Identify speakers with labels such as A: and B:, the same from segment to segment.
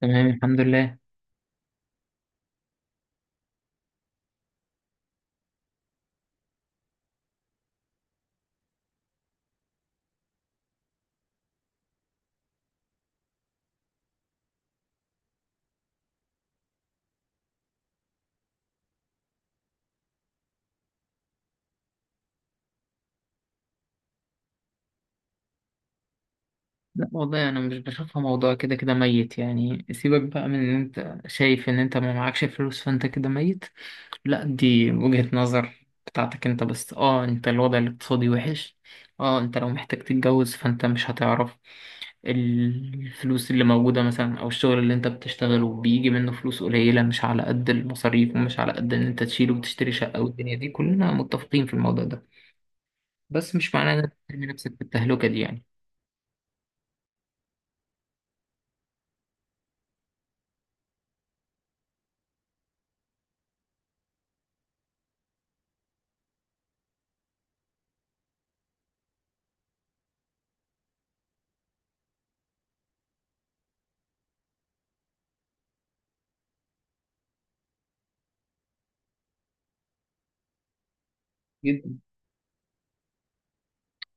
A: تمام، الحمد لله. لا والله انا مش بشوفها موضوع كده كده ميت. يعني سيبك بقى من ان انت شايف ان انت ما معكش فلوس فانت كده ميت. لا، دي وجهة نظر بتاعتك انت. بس انت الوضع الاقتصادي وحش. اه انت لو محتاج تتجوز فانت مش هتعرف الفلوس اللي موجودة مثلا، او الشغل اللي انت بتشتغله بيجي منه فلوس قليلة مش على قد المصاريف، ومش على قد ان انت تشيله وتشتري شقة. والدنيا دي كلنا متفقين في الموضوع ده. بس مش معناه ان انت ترمي نفسك في التهلكة دي يعني. جدا.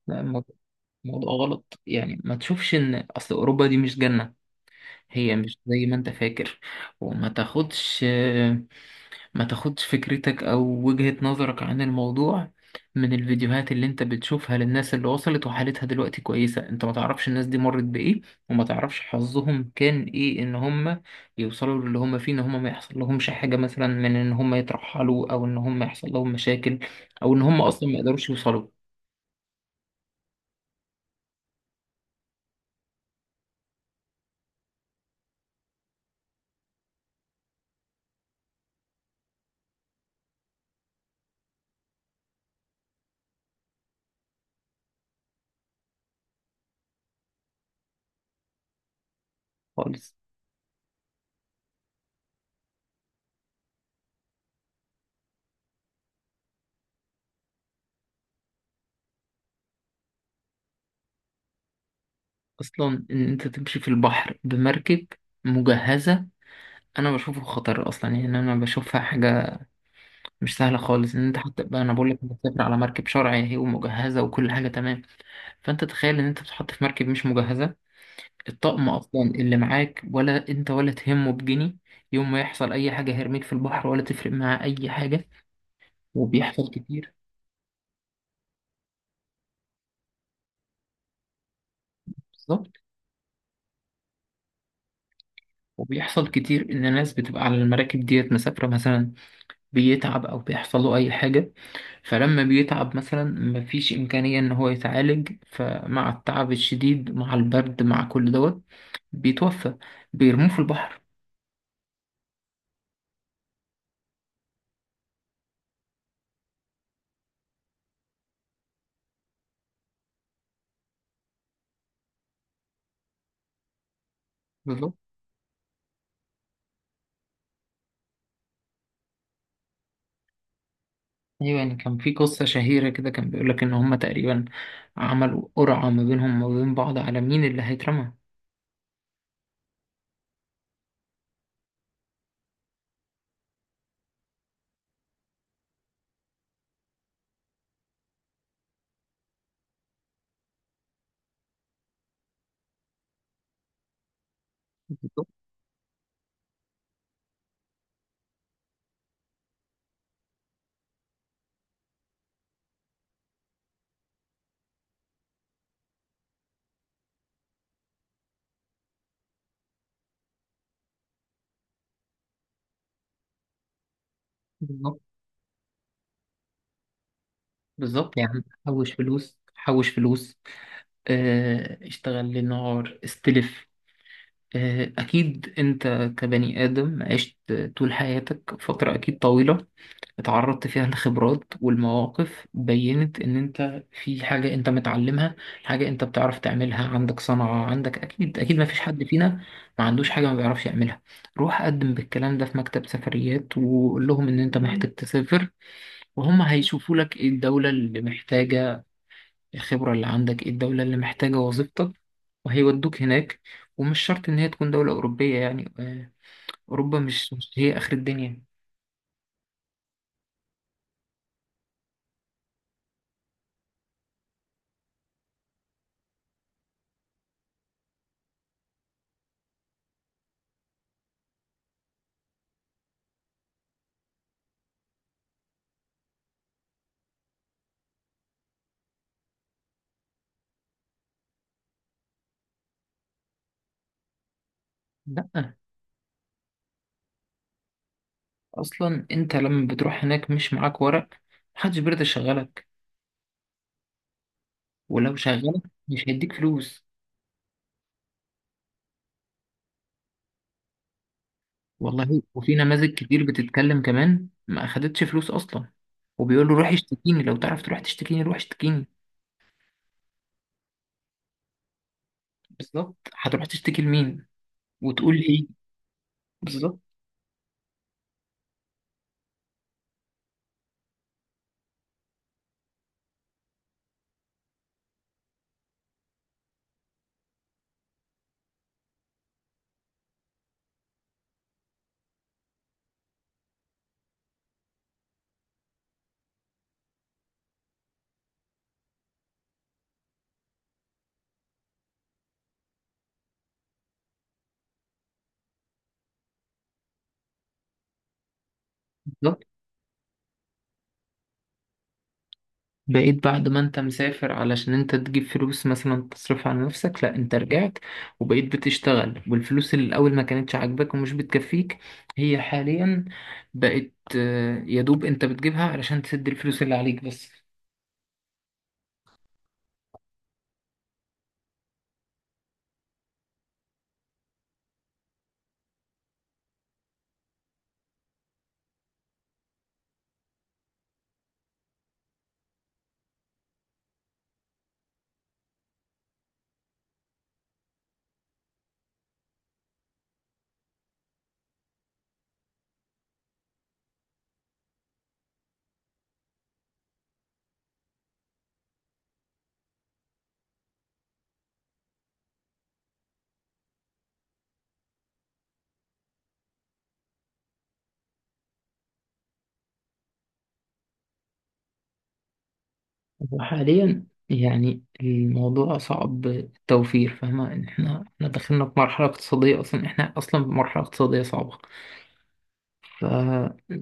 A: لا، الموضوع موضوع غلط. يعني ما تشوفش ان اصل اوروبا دي مش جنة، هي مش زي ما انت فاكر. وما تاخدش، ما تاخدش فكرتك او وجهة نظرك عن الموضوع من الفيديوهات اللي انت بتشوفها للناس اللي وصلت وحالتها دلوقتي كويسة. انت ما تعرفش الناس دي مرت بايه، وما تعرفش حظهم كان ايه ان هم يوصلوا للي هم فيه، ان هم ما يحصل لهمش حاجة مثلا من ان هم يترحلوا، او ان هم يحصل لهم مشاكل، او ان هم اصلا ما يقدروش يوصلوا. خالص. اصلا ان انت تمشي في البحر بمركب مجهزه انا بشوفه خطر. اصلا يعني انا بشوفها حاجه مش سهله خالص، ان انت حتى بقى انا بقول لك انت بتسافر على مركب شرعي اهي ومجهزه وكل حاجه تمام. فانت تخيل ان انت بتتحط في مركب مش مجهزه، الطقم اصلا اللي معاك ولا انت ولا تهمه بجنيه. يوم ما يحصل اي حاجه هيرميك في البحر ولا تفرق معاه اي حاجه. وبيحصل كتير. بالظبط. وبيحصل كتير ان ناس بتبقى على المراكب ديت مسافره مثلا، بيتعب او بيحصل له اي حاجه. فلما بيتعب مثلا مفيش إمكانية إن هو يتعالج، فمع التعب الشديد مع البرد مع كل دوت بيتوفى، بيرموه في البحر. بالظبط. أيوة، يعني كان في قصة شهيرة كده كان بيقولك إن هما تقريبا عملوا قرعة ما بينهم وما بين بعض على مين اللي هيترمى. بالظبط. بالظبط. بالظبط يعني حوش فلوس، حوش فلوس. اشتغل للنهار، استلف. أكيد أنت كبني آدم عشت طول حياتك فترة أكيد طويلة، اتعرضت فيها لخبرات، والمواقف بينت ان انت في حاجة انت متعلمها، حاجة انت بتعرف تعملها، عندك صنعة. عندك اكيد اكيد ما فيش حد فينا ما عندوش حاجة ما بيعرفش يعملها. روح قدم بالكلام ده في مكتب سفريات وقول لهم ان انت محتاج تسافر، وهم هيشوفوا لك ايه الدولة اللي محتاجة الخبرة اللي عندك، ايه الدولة اللي محتاجة وظيفتك، وهيودوك هناك. ومش شرط ان هي تكون دولة اوروبية يعني. اوروبا مش هي اخر الدنيا. لا، اصلا انت لما بتروح هناك مش معاك ورق، محدش بيرضى يشغلك. ولو شغلك مش هيديك فلوس. والله، وفي نماذج كتير بتتكلم كمان ما اخدتش فلوس اصلا. وبيقول له روح اشتكيني، لو تعرف تروح تشتكيني روح اشتكيني. بالظبط، هتروح تشتكي لمين وتقول ايه؟ بالظبط. بالظبط، بقيت بعد ما انت مسافر علشان انت تجيب فلوس مثلا تصرف على نفسك، لا انت رجعت وبقيت بتشتغل، والفلوس اللي الاول ما كانتش عاجباك ومش بتكفيك هي حاليا بقت يا دوب انت بتجيبها علشان تسد الفلوس اللي عليك بس. وحاليا يعني الموضوع صعب التوفير. فاهمة ان احنا دخلنا في مرحلة اقتصادية، اصلا احنا اصلا في مرحلة اقتصادية صعبة. ف،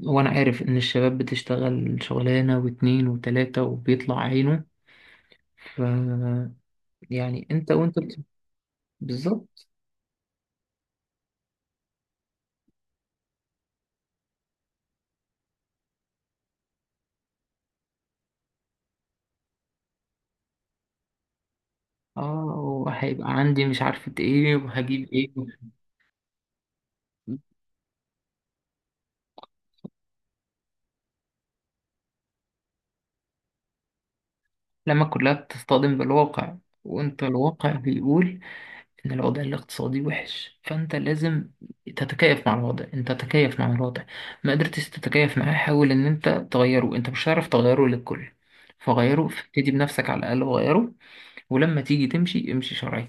A: وانا عارف ان الشباب بتشتغل شغلانة واتنين وتلاتة وبيطلع عينه. ف، يعني انت وانت بت-. بالظبط. اه، وهيبقى عندي مش عارفة ايه وهجيب ايه. لما كلها بتصطدم بالواقع، وانت الواقع بيقول ان الوضع الاقتصادي وحش. فانت لازم تتكيف مع الوضع، انت تتكيف مع الوضع. ما قدرتش تتكيف معاه حاول ان انت تغيره. انت مش هتعرف تغيره للكل، فغيره ابتدي بنفسك على الاقل وغيره. ولما تيجي تمشي، امشي شرعي.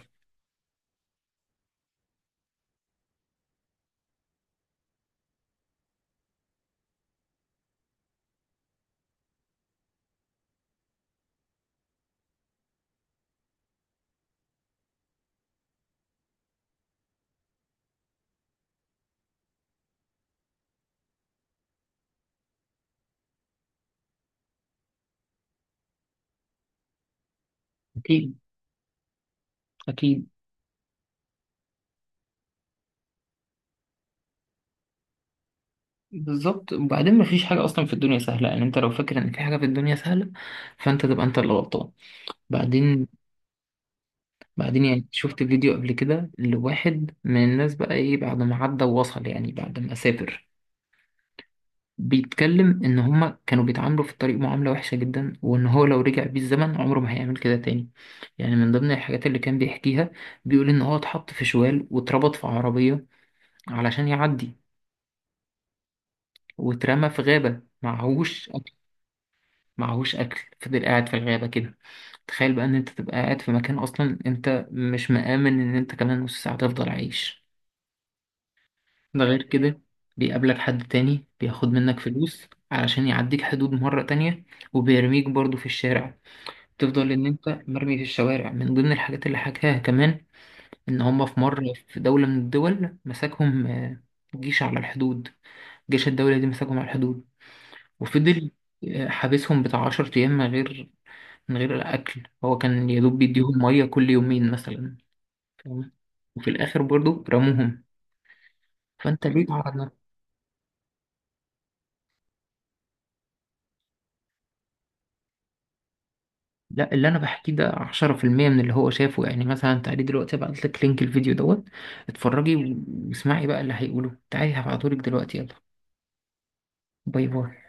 A: اكيد. اكيد. بالظبط. وبعدين مفيش حاجة أصلا في الدنيا سهلة. يعني أنت لو فاكر إن في حاجة في الدنيا سهلة فأنت تبقى أنت اللي غلطان. بعدين، بعدين يعني شفت فيديو قبل كده لواحد من الناس بقى إيه بعد ما عدى ووصل، يعني بعد ما سافر، بيتكلم إن هما كانوا بيتعاملوا في الطريق معاملة وحشة جدا، وإن هو لو رجع بيه الزمن عمره ما هيعمل كده تاني. يعني من ضمن الحاجات اللي كان بيحكيها، بيقول إن هو اتحط في شوال واتربط في عربية علشان يعدي، واترمى في غابة معهوش، معهوش اكل، فضل قاعد في الغابه كده. تخيل بقى ان انت تبقى قاعد في مكان اصلا انت مش مآمن ان انت كمان نص ساعه تفضل عايش. ده غير كده بيقابلك حد تاني بياخد منك فلوس علشان يعديك حدود مرة تانية، وبيرميك برضو في الشارع. تفضل ان انت مرمي في الشوارع. من ضمن الحاجات اللي حكاها كمان ان هما في مرة في دولة من الدول مساكهم جيش على الحدود. جيش الدولة دي مساكهم على الحدود، وفضل حابسهم بتاع 10 أيام من غير، من غير الأكل. هو كان يا دوب بيديهم مية كل يومين مثلا. فاهم؟ وفي الآخر برضو رموهم. فأنت ليه تعرض نفسك؟ لا، اللي أنا بحكيه ده 10% من اللي هو شافه. يعني مثلا تعالي دلوقتي أبعت لك لينك الفيديو دوت، اتفرجي واسمعي بقى اللي هيقوله. تعالي هبعتهولك دلوقتي، يلا. باي باي.